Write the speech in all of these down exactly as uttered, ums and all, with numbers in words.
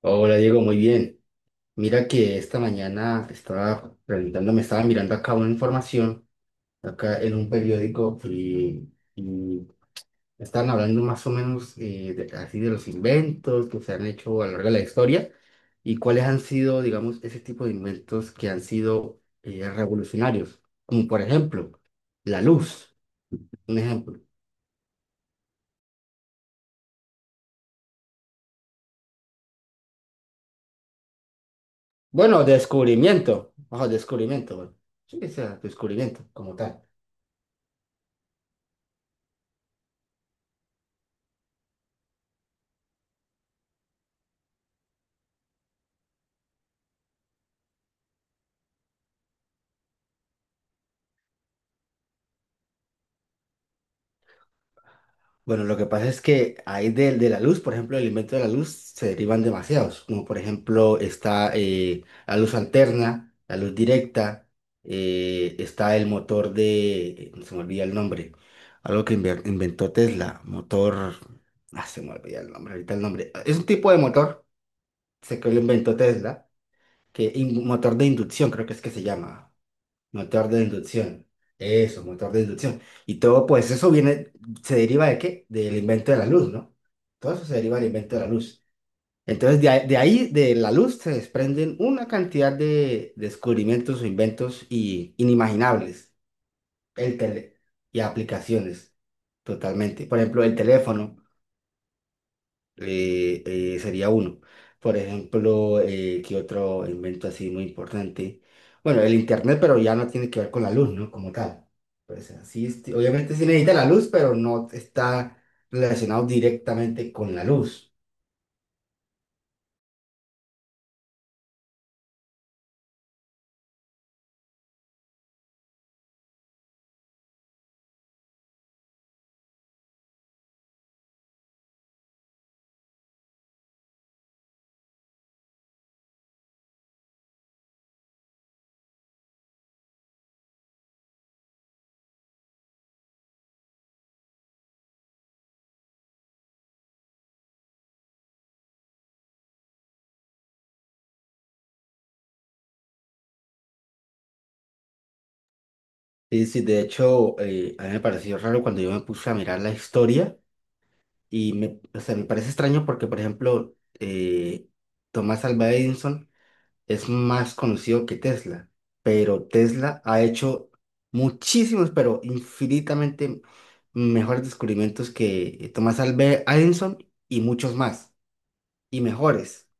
Hola Diego, muy bien. Mira que esta mañana estaba preguntando, me estaba mirando acá una información, acá en un periódico, y, y estaban hablando más o menos eh, de- así de los inventos que se han hecho a lo largo de la historia y cuáles han sido, digamos, ese tipo de inventos que han sido eh, revolucionarios, como por ejemplo la luz, un ejemplo. Bueno, descubrimiento, ojo, descubrimiento, bueno, sí, o sea, descubrimiento como tal. Bueno, lo que pasa es que hay de, de la luz, por ejemplo, el invento de la luz se derivan demasiados, como por ejemplo está eh, la luz alterna, la luz directa, eh, está el motor de, eh, se me olvida el nombre, algo que inver- inventó Tesla, motor, ah, se me olvida el nombre, ahorita el nombre, es un tipo de motor, sé que lo inventó Tesla, que in- motor de inducción creo que es que se llama. Motor de inducción. Eso, motor de inducción. Y todo, pues eso viene, se deriva de qué? Del invento de la luz, ¿no? Todo eso se deriva del invento de la luz. Entonces, de, ahí, de ahí, de la luz, se desprenden una cantidad de descubrimientos o inventos y, inimaginables. El tele Y aplicaciones, totalmente. Por ejemplo, el teléfono eh, eh, sería uno. Por ejemplo, eh, ¿qué otro invento así muy importante? Bueno, el internet, pero ya no tiene que ver con la luz, ¿no? Como tal. Pues así, este, obviamente sí necesita la luz, pero no está relacionado directamente con la luz. Sí, sí, de hecho, eh, a mí me pareció raro cuando yo me puse a mirar la historia y me, o sea, me parece extraño porque, por ejemplo, eh, Tomás Alva Edison es más conocido que Tesla, pero Tesla ha hecho muchísimos, pero infinitamente mejores descubrimientos que Thomas Alva Edison y muchos más, y mejores.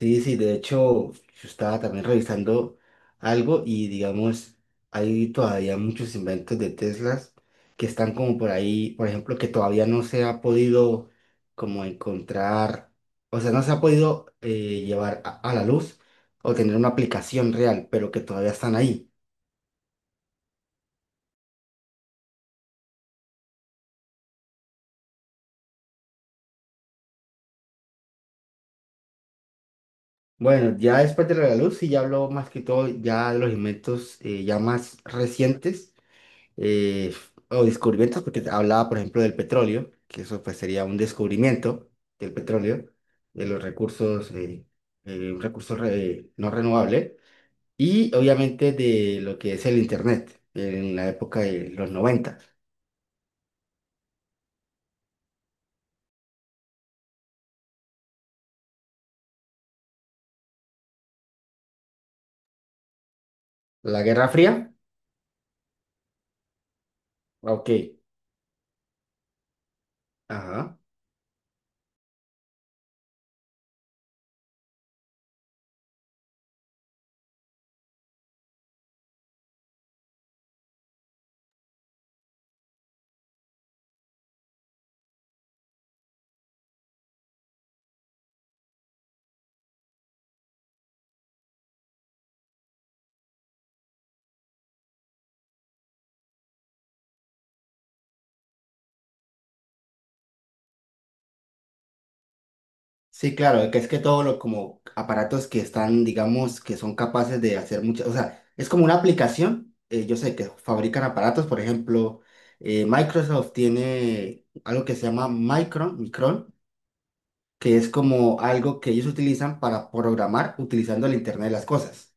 Sí, sí, de hecho, yo estaba también revisando algo y digamos, hay todavía muchos inventos de Teslas que están como por ahí, por ejemplo, que todavía no se ha podido como encontrar, o sea, no se ha podido eh, llevar a, a la luz o tener una aplicación real, pero que todavía están ahí. Bueno, ya después de lo de la luz, sí, ya hablo más que todo ya de los inventos eh, ya más recientes eh, o descubrimientos, porque hablaba, por ejemplo, del petróleo, que eso pues sería un descubrimiento del petróleo, de los recursos, eh, eh, un recurso re- no renovable, y obviamente de lo que es el Internet en la época de los noventa. La Guerra Fría, ok, ajá. Sí, claro, que es que todos los como aparatos que están, digamos, que son capaces de hacer muchas, o sea, es como una aplicación, eh, yo sé que fabrican aparatos, por ejemplo, eh, Microsoft tiene algo que se llama Micron, Micron, que es como algo que ellos utilizan para programar utilizando el Internet de las cosas.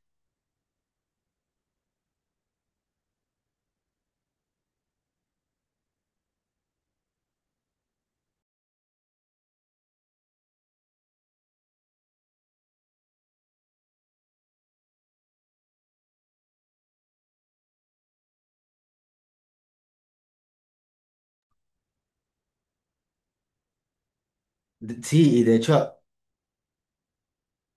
De- Sí, y de hecho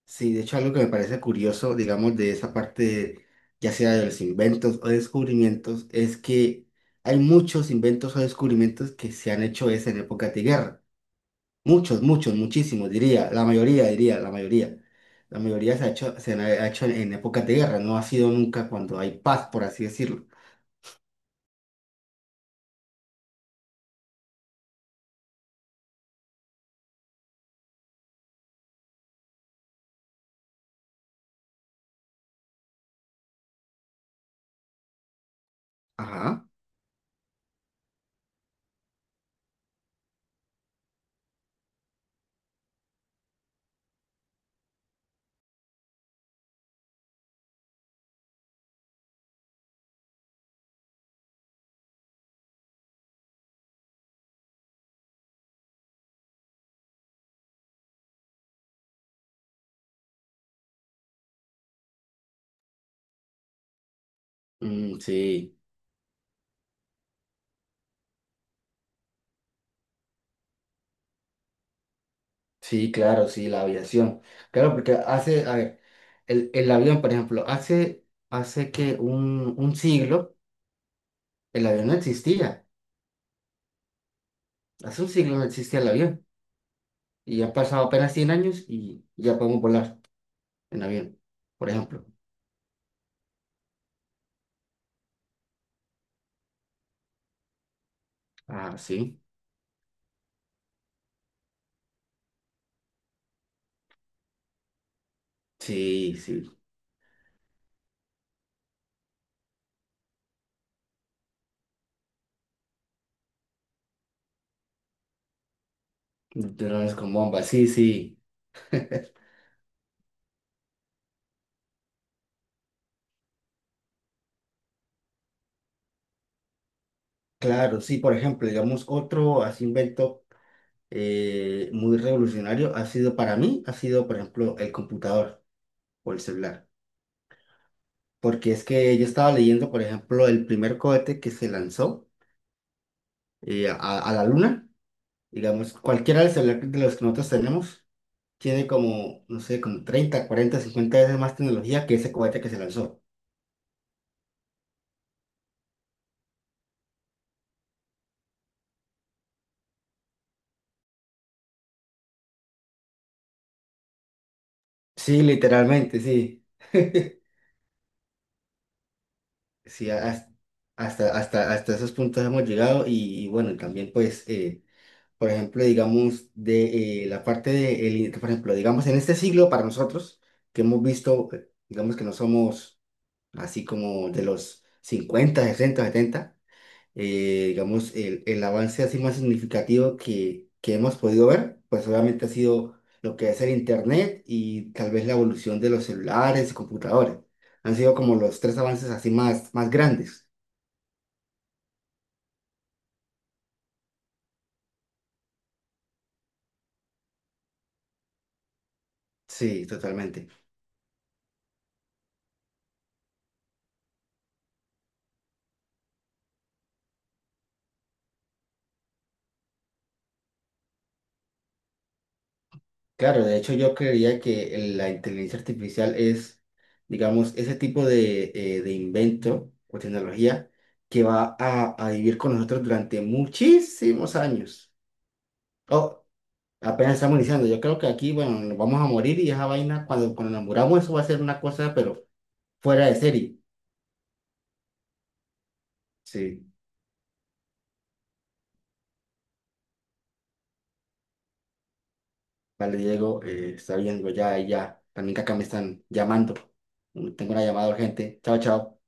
Sí, de hecho algo que me parece curioso, digamos, de esa parte, ya sea de los inventos o descubrimientos, es que hay muchos inventos o descubrimientos que se han hecho es en épocas de guerra. Muchos, muchos, muchísimos, diría, la mayoría, diría, la mayoría. La mayoría se ha hecho, se han- ha hecho en, en épocas de guerra, no ha sido nunca cuando hay paz, por así decirlo. Ajá. Mm, sí, sí, claro, sí, la aviación. Claro, porque hace, a ver, el, el avión, por ejemplo, hace, hace que un, un siglo el avión no existía. Hace un siglo no existía el avión. Y han pasado apenas cien años y ya podemos volar en avión, por ejemplo. Ah, sí. Sí, sí. Drones con bombas. Sí, sí. Claro, sí. Por ejemplo, digamos, otro así invento eh, muy revolucionario ha sido para mí, ha sido, por ejemplo, el computador o el celular. Porque es que yo estaba leyendo, por ejemplo, el primer cohete que se lanzó eh, a, a la luna. Digamos, cualquiera de los celulares de los que nosotros tenemos tiene como, no sé, como treinta cuarenta cincuenta veces más tecnología que ese cohete que se lanzó. Sí, literalmente, sí. Sí, has- hasta, hasta, hasta esos puntos hemos llegado y, y bueno, también pues, eh, por ejemplo, digamos, de eh, la parte de, el in- por ejemplo, digamos, en este siglo para nosotros, que hemos visto, eh, digamos que no somos así como de los cincuenta sesenta setenta eh, digamos, el, el avance así más significativo que, que hemos podido ver, pues obviamente ha sido lo que es el Internet y tal vez la evolución de los celulares y computadores. Han sido como los tres avances así más, más grandes. Sí, totalmente. Claro, de hecho yo creería que el- la inteligencia artificial es, digamos, ese tipo de, eh, de invento o tecnología que va a, a vivir con nosotros durante muchísimos años. O apenas estamos iniciando. Yo creo que aquí, bueno, nos vamos a morir y esa vaina, cuando, cuando nos muramos, eso va a ser una cosa, pero fuera de serie. Sí, vale, Diego, eh, está viendo ya, ya. También que acá me están llamando. Tengo una llamada urgente. Chao, chao.